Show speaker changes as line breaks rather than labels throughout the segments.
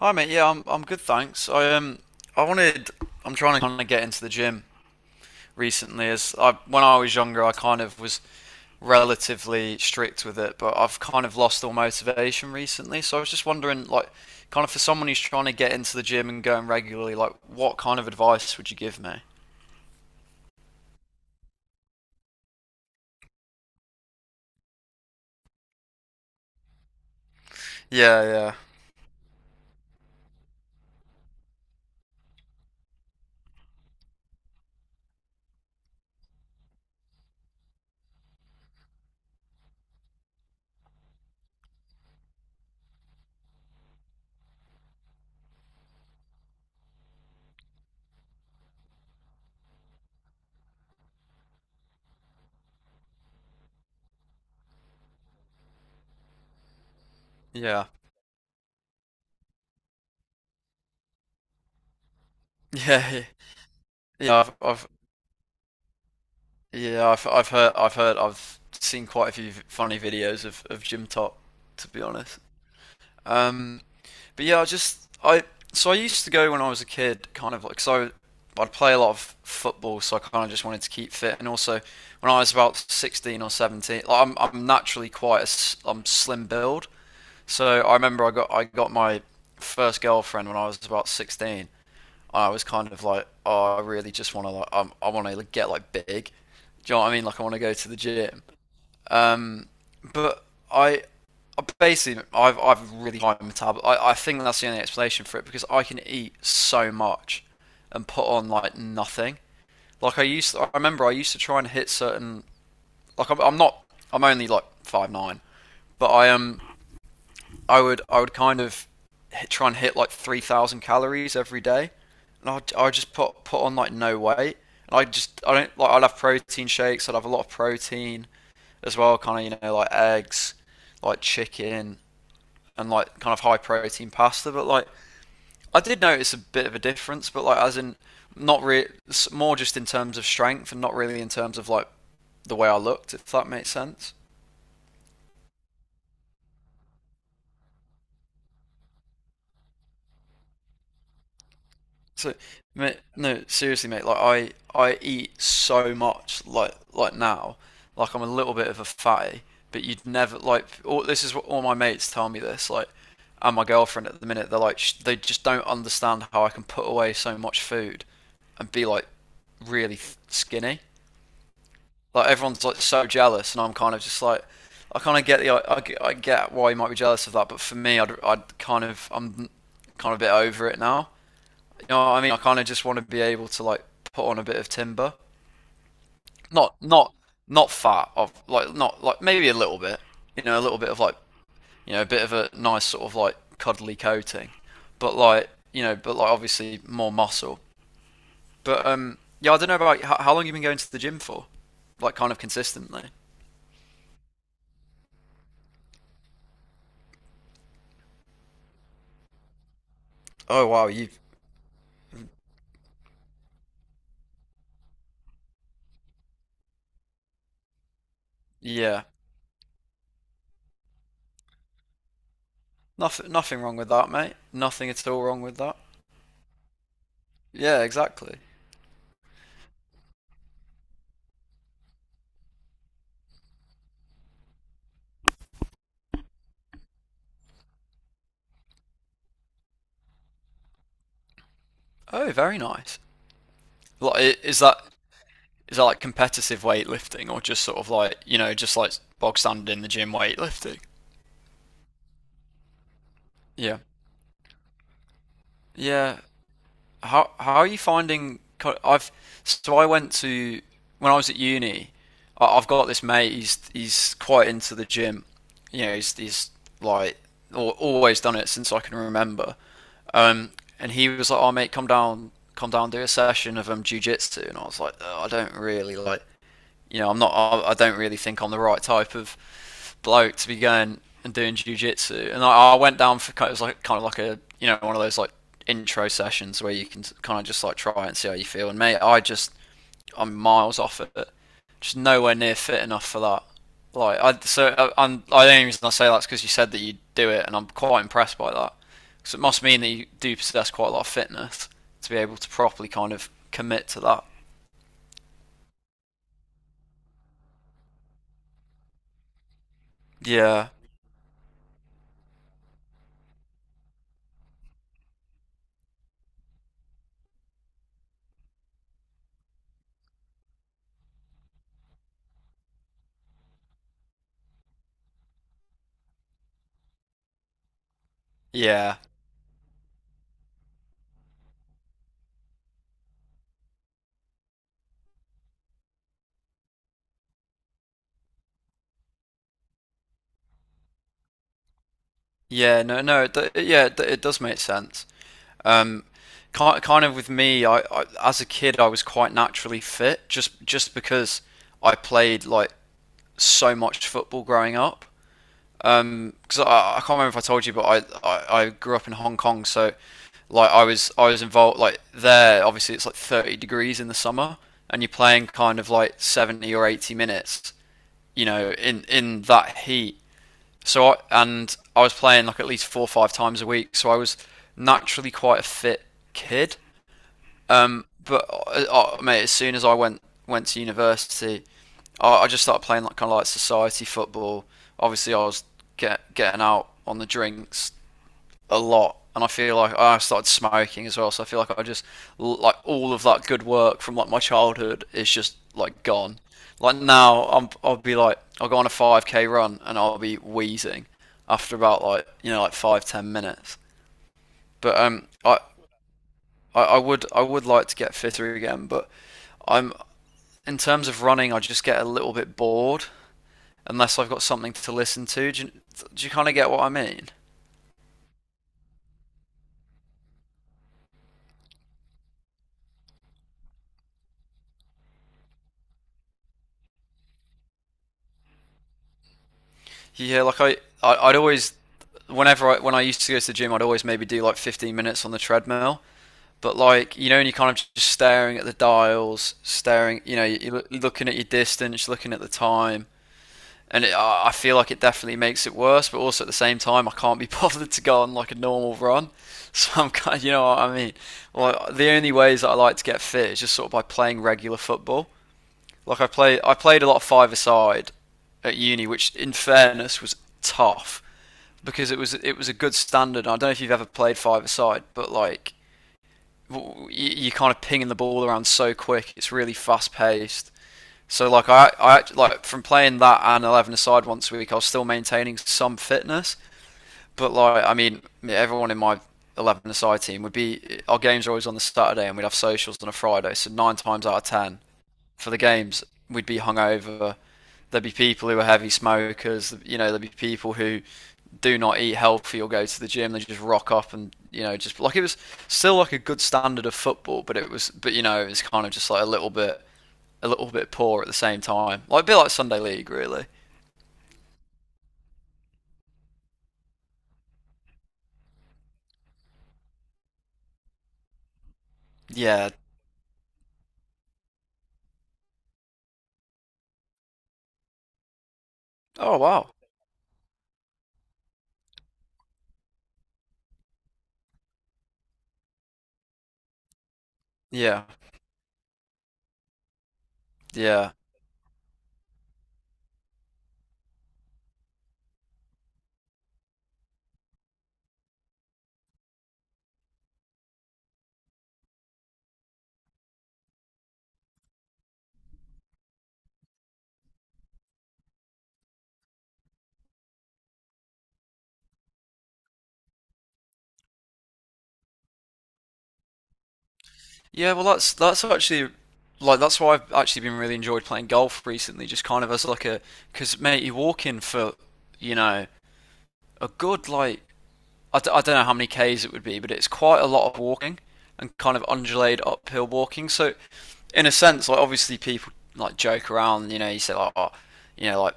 Hi mate, yeah, I'm good, thanks. I wanted. I'm trying to kind of get into the gym recently. As I When I was younger, I kind of was relatively strict with it, but I've kind of lost all motivation recently. So I was just wondering, like, kind of for someone who's trying to get into the gym and going regularly, like, what kind of advice would you give me? Yeah, yeah. Yeah. Yeah. Yeah, yeah, I've yeah, I've seen quite a few funny videos of gym top, to be honest. Um But yeah, I used to go when I was a kid, kind of. I'd play a lot of football, so I kind of just wanted to keep fit. And also, when I was about 16 or 17, like, I'm naturally quite a I'm slim build, so I remember I got my first girlfriend when I was about 16. I was kind of like, oh, I really just want to like I want to get like big. Do you know what I mean? Like, I want to go to the gym. Um, but I, I basically, I've really high metabolism. I think that's the only explanation for it, because I can eat so much and put on like nothing. Like I used to. I remember I used to try and hit certain. I'm not. I'm only like 5'9", but I am. I would kind of try and hit like 3,000 calories every day, and I just put on like no weight. And I don't like. I'd have protein shakes. I'd have a lot of protein as well, kind of, you know, like eggs, like chicken, and like kind of high protein pasta. But like, I did notice a bit of a difference, but like, as in not really. More just in terms of strength and not really in terms of like the way I looked, if that makes sense. So, mate, no, seriously, mate. I eat so much. Like now, like, I'm a little bit of a fatty. But you'd never like. All, this is what all my mates tell me. This like, and my girlfriend at the minute. They're like, they just don't understand how I can put away so much food, and be like, really skinny. Like, everyone's like so jealous, and I'm kind of just like, I kind of get the, I get why you might be jealous of that. But for me, I'd kind of, I'm kind of a bit over it now. You know what I mean? I kind of just want to be able to, like, put on a bit of timber, not not fat, of like, not like maybe a little bit, you know, a little bit of like, you know, a bit of a nice sort of like cuddly coating, but like, you know, but like obviously more muscle. But yeah, I don't know about how long you have been going to the gym for, like, kind of consistently. Oh wow, you yeah, nothing wrong with that, mate. Nothing at all wrong with that. Yeah, exactly. Oh, very nice. Like, is that, is that like competitive weightlifting or just sort of like, you know, just like bog standard in the gym weightlifting? Yeah, yeah. How are you finding? I've, so I went to, when I was at uni, I have got this mate. He's quite into the gym. You know, he's like always done it since I can remember. Um, and he was like, "Oh mate, come down, do a session of jiu jitsu." And I was like, "Oh, I don't really like." You know, I'm not. I don't really think I'm the right type of bloke to be going and doing jujitsu. And I went down for kind of, it was like kind of like, a you know, one of those like intro sessions where you can kind of just like try and see how you feel. And mate, I'm miles off it, just nowhere near fit enough for that. Like I so I, I'm I the only reason I say that's because you said that you do it, and I'm quite impressed by that. Because it must mean that you do possess quite a lot of fitness to be able to properly kind of commit to that. Yeah, yeah. Yeah, no, no, yeah, it does make sense. Um, Kind of with me, I as a kid, I was quite naturally fit, just because I played like so much football growing up. Because I can't remember if I told you, but I grew up in Hong Kong, so like I was involved like there. Obviously, it's like 30 degrees in the summer, and you're playing kind of like 70 or 80 minutes, you know, in that heat. So, and I was playing like at least four or five times a week, so I was naturally quite a fit kid. But Mate, as soon as I went to university, I just started playing like kind of like society football. Obviously, I was getting out on the drinks a lot, and I feel like, oh, I started smoking as well. So I feel like I just, like all of that good work from like my childhood is just like gone. Like now, I'll be like, I'll go on a 5k run and I'll be wheezing after about like, you know, like 5 10 minutes. But I would, I would like to get fitter again, but I'm, in terms of running, I just get a little bit bored unless I've got something to listen to. Do you kind of get what I mean? Yeah, like I I'd always, when I used to go to the gym, I'd always maybe do like 15 minutes on the treadmill. But like, you know, and you're kind of just staring at the dials, staring, you know, you're looking at your distance, looking at the time. And it, I feel like it definitely makes it worse, but also at the same time, I can't be bothered to go on like a normal run. So I'm kind of, you know what I mean? Like, the only ways that I like to get fit is just sort of by playing regular football. I played a lot of five-a-side at uni, which in fairness was tough because it was a good standard. I don't know if you've ever played five a side, but like, you are kind of pinging the ball around so quick. It's really fast paced. So like I like from playing that and 11 a side once a week, I was still maintaining some fitness. But like, I mean, yeah, everyone in my 11 a side team would be, our games are always on the Saturday and we'd have socials on a Friday. So nine times out of ten, for the games, we'd be hungover. There'd be people who are heavy smokers. You know, there'd be people who do not eat healthy or go to the gym. They just rock up and, you know, just like, it was still like a good standard of football, but it was, but you know, it's kind of just like a little bit poor at the same time. Like a bit like Sunday League, really. Yeah. Oh wow. Yeah. Yeah. Yeah. Well, that's actually like that's why I've actually been really enjoyed playing golf recently. Just kind of as like a, because mate, you walk in for, you know, a good like, I don't know how many k's it would be, but it's quite a lot of walking and kind of undulated uphill walking. So in a sense, like, obviously people like joke around, you know, you say like, oh, you know, like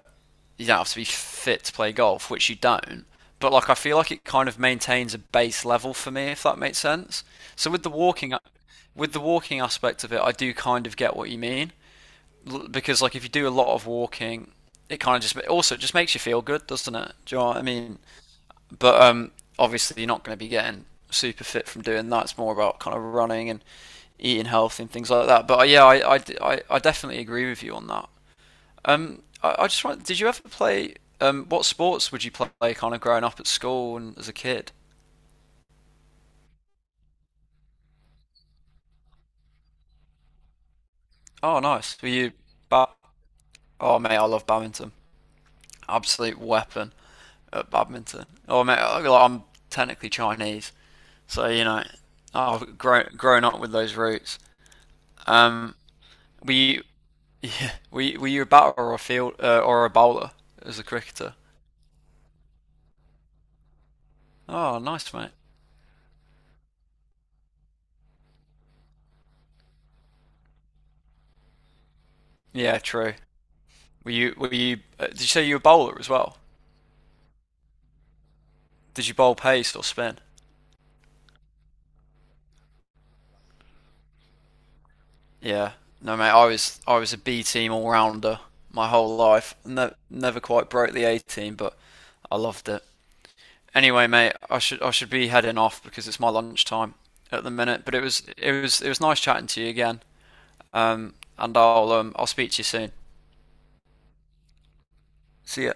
you don't have to be fit to play golf, which you don't. But like, I feel like it kind of maintains a base level for me, if that makes sense. So with the walking aspect of it, I do kind of get what you mean, because like if you do a lot of walking, it kind of just also, it just makes you feel good, doesn't it? Do you know what I mean? But obviously, you're not going to be getting super fit from doing that. It's more about kind of running and eating healthy and things like that. But yeah, definitely agree with you on that. I just want. Did you ever play? What sports would you play kind of growing up at school and as a kid? Oh, nice. Were you? Ba- oh, mate, I love badminton. Absolute weapon at badminton. Oh, mate, like, I'm technically Chinese, so you know, I've grown up with those roots. Um, were you were you a batter or a field or a bowler as a cricketer? Oh, nice mate. Yeah, true. Were you were you? Did you say you were a bowler as well? Did you bowl pace or spin? Yeah. No mate, I was a B team all rounder my whole life. No, never quite broke the A team, but I loved it. Anyway, mate, I should be heading off because it's my lunchtime at the minute. But it was nice chatting to you again. And I'll speak to you soon. See ya.